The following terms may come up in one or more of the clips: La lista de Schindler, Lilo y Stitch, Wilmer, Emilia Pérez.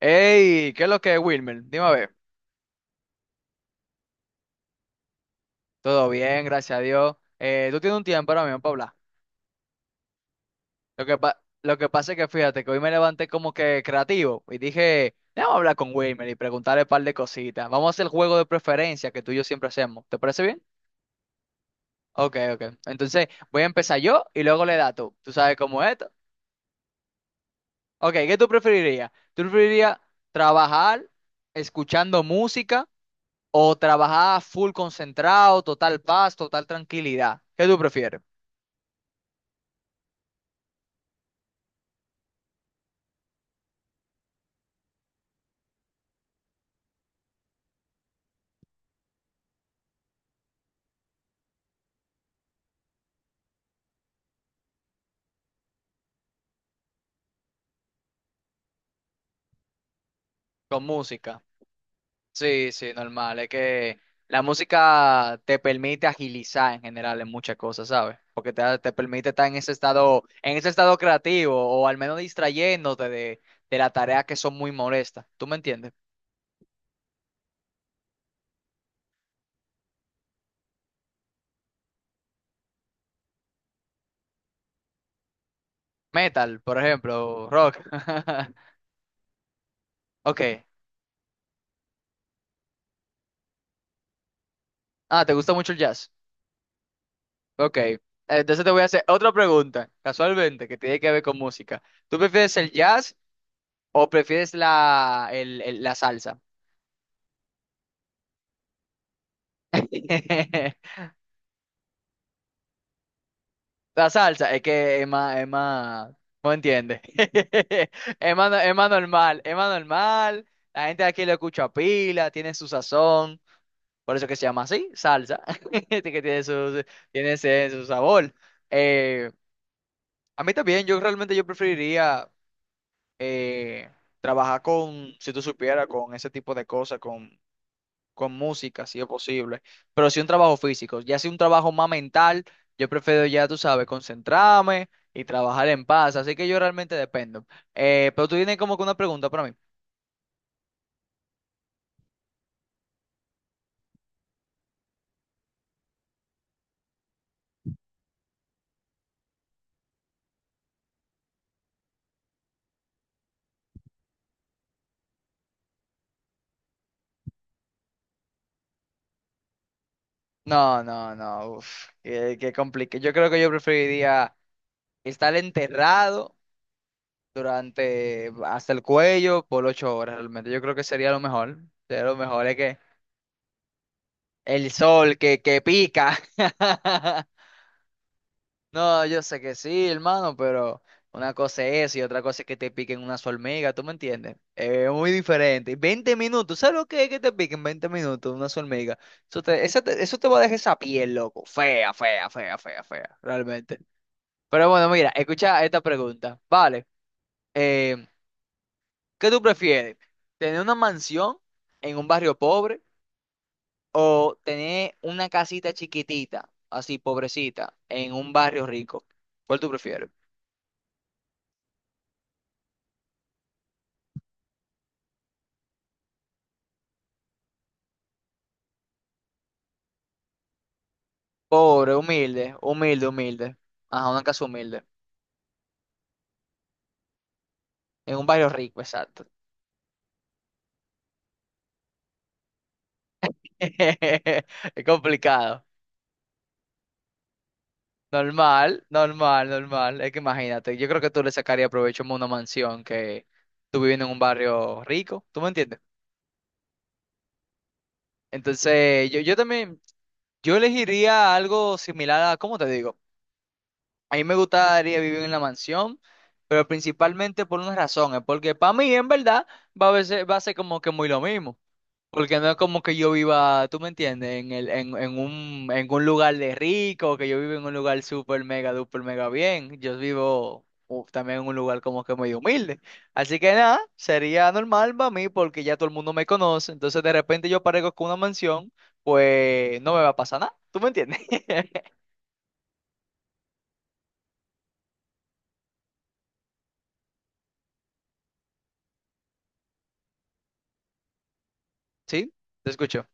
Hey, ¿qué es lo que es Wilmer? Dime a ver. Todo bien, gracias a Dios. Tú tienes un tiempo ahora mismo para hablar. Lo que pasa es que fíjate que hoy me levanté como que creativo y dije, vamos a hablar con Wilmer y preguntarle un par de cositas. Vamos a hacer el juego de preferencia que tú y yo siempre hacemos. ¿Te parece bien? Ok, ok. Entonces voy a empezar yo y luego le das tú. ¿Tú sabes cómo es esto? Ok, ¿qué tú preferirías? ¿Tú preferirías trabajar escuchando música o trabajar full concentrado, total paz, total tranquilidad? ¿Qué tú prefieres? Con música. Sí, sí, normal. Es que la música te permite agilizar en general en muchas cosas, ¿sabes? Te permite estar en ese estado creativo, o al menos distrayéndote de las tareas que son muy molestas. ¿Tú me entiendes? Metal, por ejemplo, rock. Ok. Ah, ¿te gusta mucho el jazz? Ok. Entonces te voy a hacer otra pregunta, casualmente, que tiene que ver con música. ¿Tú prefieres el jazz o prefieres la salsa? La salsa, es que es más, no entiende. Es más, no- Es más normal, es más normal. La gente de aquí lo escucha pila, tiene su sazón. Por eso que se llama así, salsa. Que tiene su, tiene ese, su sabor. Eh, a mí también, yo realmente yo preferiría eh, trabajar con, si tú supieras, con ese tipo de cosas, con música, si es posible, pero sí un trabajo físico, ya si un trabajo más mental, yo prefiero ya, tú sabes, concentrarme y trabajar en paz, así que yo realmente dependo. Pero tú tienes como que una pregunta para mí. No, no, no, uf, qué, qué complique. Yo creo que yo preferiría estar enterrado durante hasta el cuello por 8 horas, realmente. Yo creo que sería lo mejor, es que el sol que pica. No, yo sé que sí, hermano, pero una cosa es eso y otra cosa es que te piquen una hormiga, ¿tú me entiendes? Es muy diferente. 20 minutos, ¿sabes lo que es que te piquen 20 minutos una hormiga? Eso te va a dejar esa piel, loco. Fea, fea, fea, fea, fea, realmente. Pero bueno, mira, escucha esta pregunta. Vale, eh, ¿qué tú prefieres? ¿Tener una mansión en un barrio pobre o tener una casita chiquitita, así pobrecita, en un barrio rico? ¿Cuál tú prefieres? Pobre, humilde, humilde, humilde. Ajá, una casa humilde. En un barrio rico, exacto. Es complicado. Normal, normal, normal. Es que imagínate, yo creo que tú le sacarías provecho a una mansión que tú viviendo en un barrio rico, ¿tú me entiendes? Entonces, yo también, yo elegiría algo similar a, ¿cómo te digo? A mí me gustaría vivir en la mansión, pero principalmente por una razón, es porque para mí en verdad va a ser como que muy lo mismo. Porque no es como que yo viva, tú me entiendes, en el, en un lugar de rico, que yo vivo en un lugar súper mega, duper mega bien. Yo vivo también en un lugar como que medio humilde. Así que nada, sería normal para mí porque ya todo el mundo me conoce. Entonces de repente yo aparezco con una mansión, pues no me va a pasar nada. ¿Tú me entiendes? Sí, te escucho.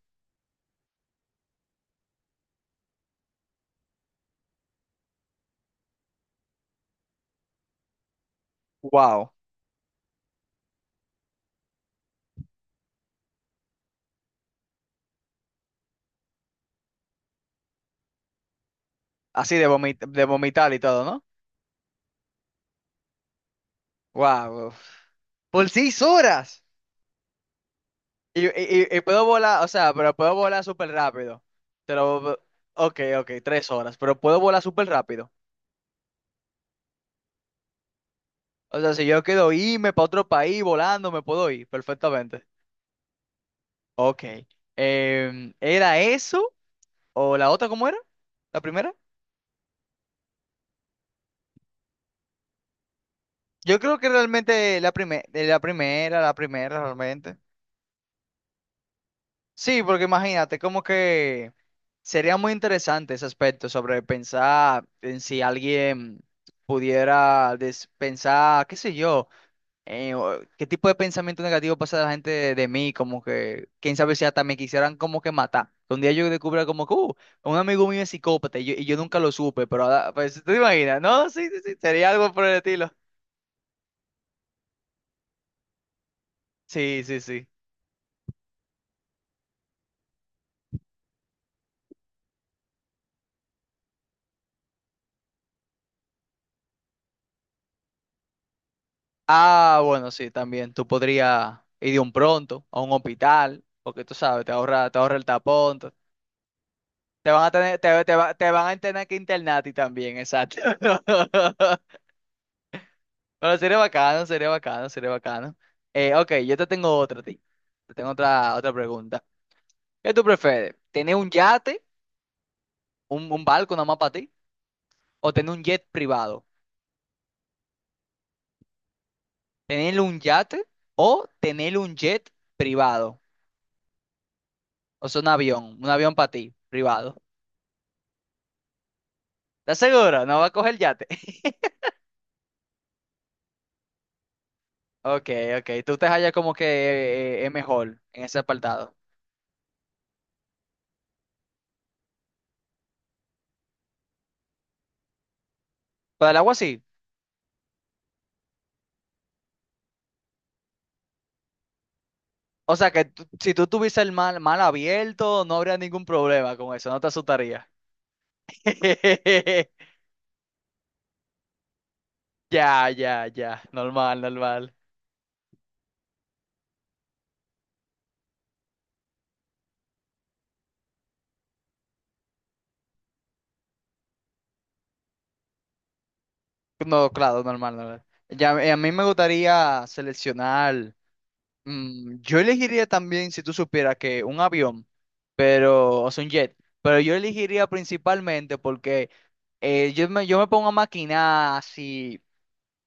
Wow. Así de vomitar y todo, ¿no? Wow. Por 6 horas. Y, y- y puedo volar, o sea, pero puedo volar súper rápido. Pero, ok, ok, 3 horas, pero puedo volar súper rápido. O sea, si yo quiero irme para otro país volando, me puedo ir perfectamente. Ok. Em, ¿era eso? ¿O la otra cómo era? ¿La primera? Yo creo que realmente la primera, la primera, la primera realmente. Sí, porque imagínate, como que sería muy interesante ese aspecto sobre pensar en si alguien pensar, qué sé yo. ¿Qué tipo de pensamiento negativo pasa de la gente de mí? Como que, quién sabe si hasta me quisieran como que matar. Un día yo descubra como que, un amigo mío es psicópata y yo nunca lo supe, pero ahora, pues, ¿tú te imaginas? No, sí, sí, sí, sería algo por el estilo. Sí, sí, sí. Ah, bueno, sí, también. Tú podrías ir de un pronto a un hospital, porque tú sabes, te ahorra el tapón. Te van a tener que internar a ti también, exacto. Bueno, sería bacano, sería bacano, sería bacano. Ok, yo te tengo otra, a ti. Te tengo otra, otra pregunta. ¿Qué tú prefieres? ¿Tener un yate, un barco nada más para ti? ¿O tener un jet privado? ¿Tener un yate o tener un jet privado? O sea, un avión para ti, privado. ¿Estás seguro? No va a coger yate. Ok, ok, tú te hallas como que es mejor en ese apartado. Pero el agua sí. O sea, si tú tuvieses el mal, mal abierto, no habría ningún problema con eso, no te asustaría. Ya, ya, ya. Normal, normal. No, claro, normal, normal. Ya, a mí me gustaría seleccionar. Mm, yo elegiría también, si tú supieras, que un avión, pero, o sea, un jet. Pero yo elegiría principalmente porque yo me pongo a maquinar así,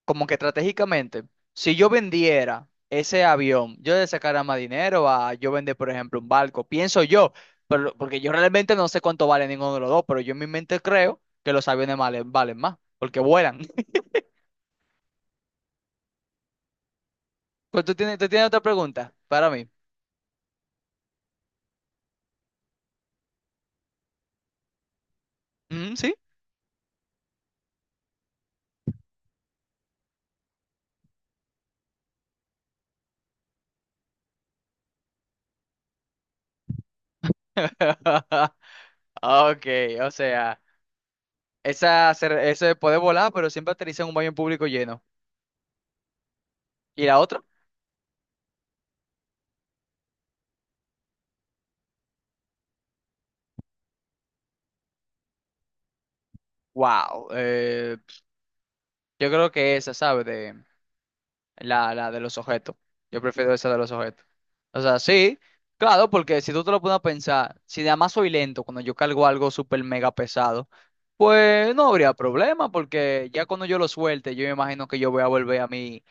como que estratégicamente, si yo vendiera ese avión, yo le sacara más dinero a yo vender, por ejemplo, un barco, pienso yo, pero, porque yo realmente no sé cuánto vale ninguno de los dos, pero yo en mi mente creo que los aviones valen, valen más, porque vuelan. Pues tú tienes otra pregunta para mí. Mm, ¿sí? Ok, o sea, ese puede volar, pero siempre aterriza en un baño público lleno. ¿Y la otra? Wow, yo creo que esa, ¿sabes? La de los objetos. Yo prefiero esa de los objetos. O sea, sí, claro, porque si tú te lo pones a pensar, si además soy lento cuando yo cargo algo súper mega pesado, pues no habría problema, porque ya cuando yo lo suelte, yo me imagino que yo voy a volver a mi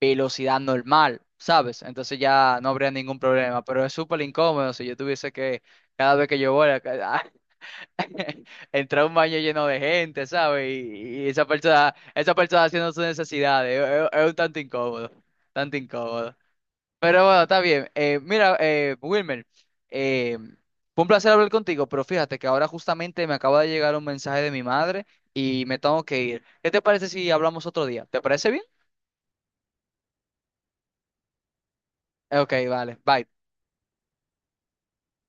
velocidad normal, ¿sabes? Entonces ya no habría ningún problema, pero es súper incómodo si yo tuviese que, cada vez que yo voy, entrar a un baño lleno de gente, ¿sabes? Y esa persona haciendo sus necesidades, es un tanto incómodo, tanto incómodo. Pero bueno, está bien. Mira, Wilmer, eh, fue un placer hablar contigo, pero fíjate que ahora justamente me acaba de llegar un mensaje de mi madre y me tengo que ir. ¿Qué te parece si hablamos otro día? ¿Te parece bien? Ok, vale, bye.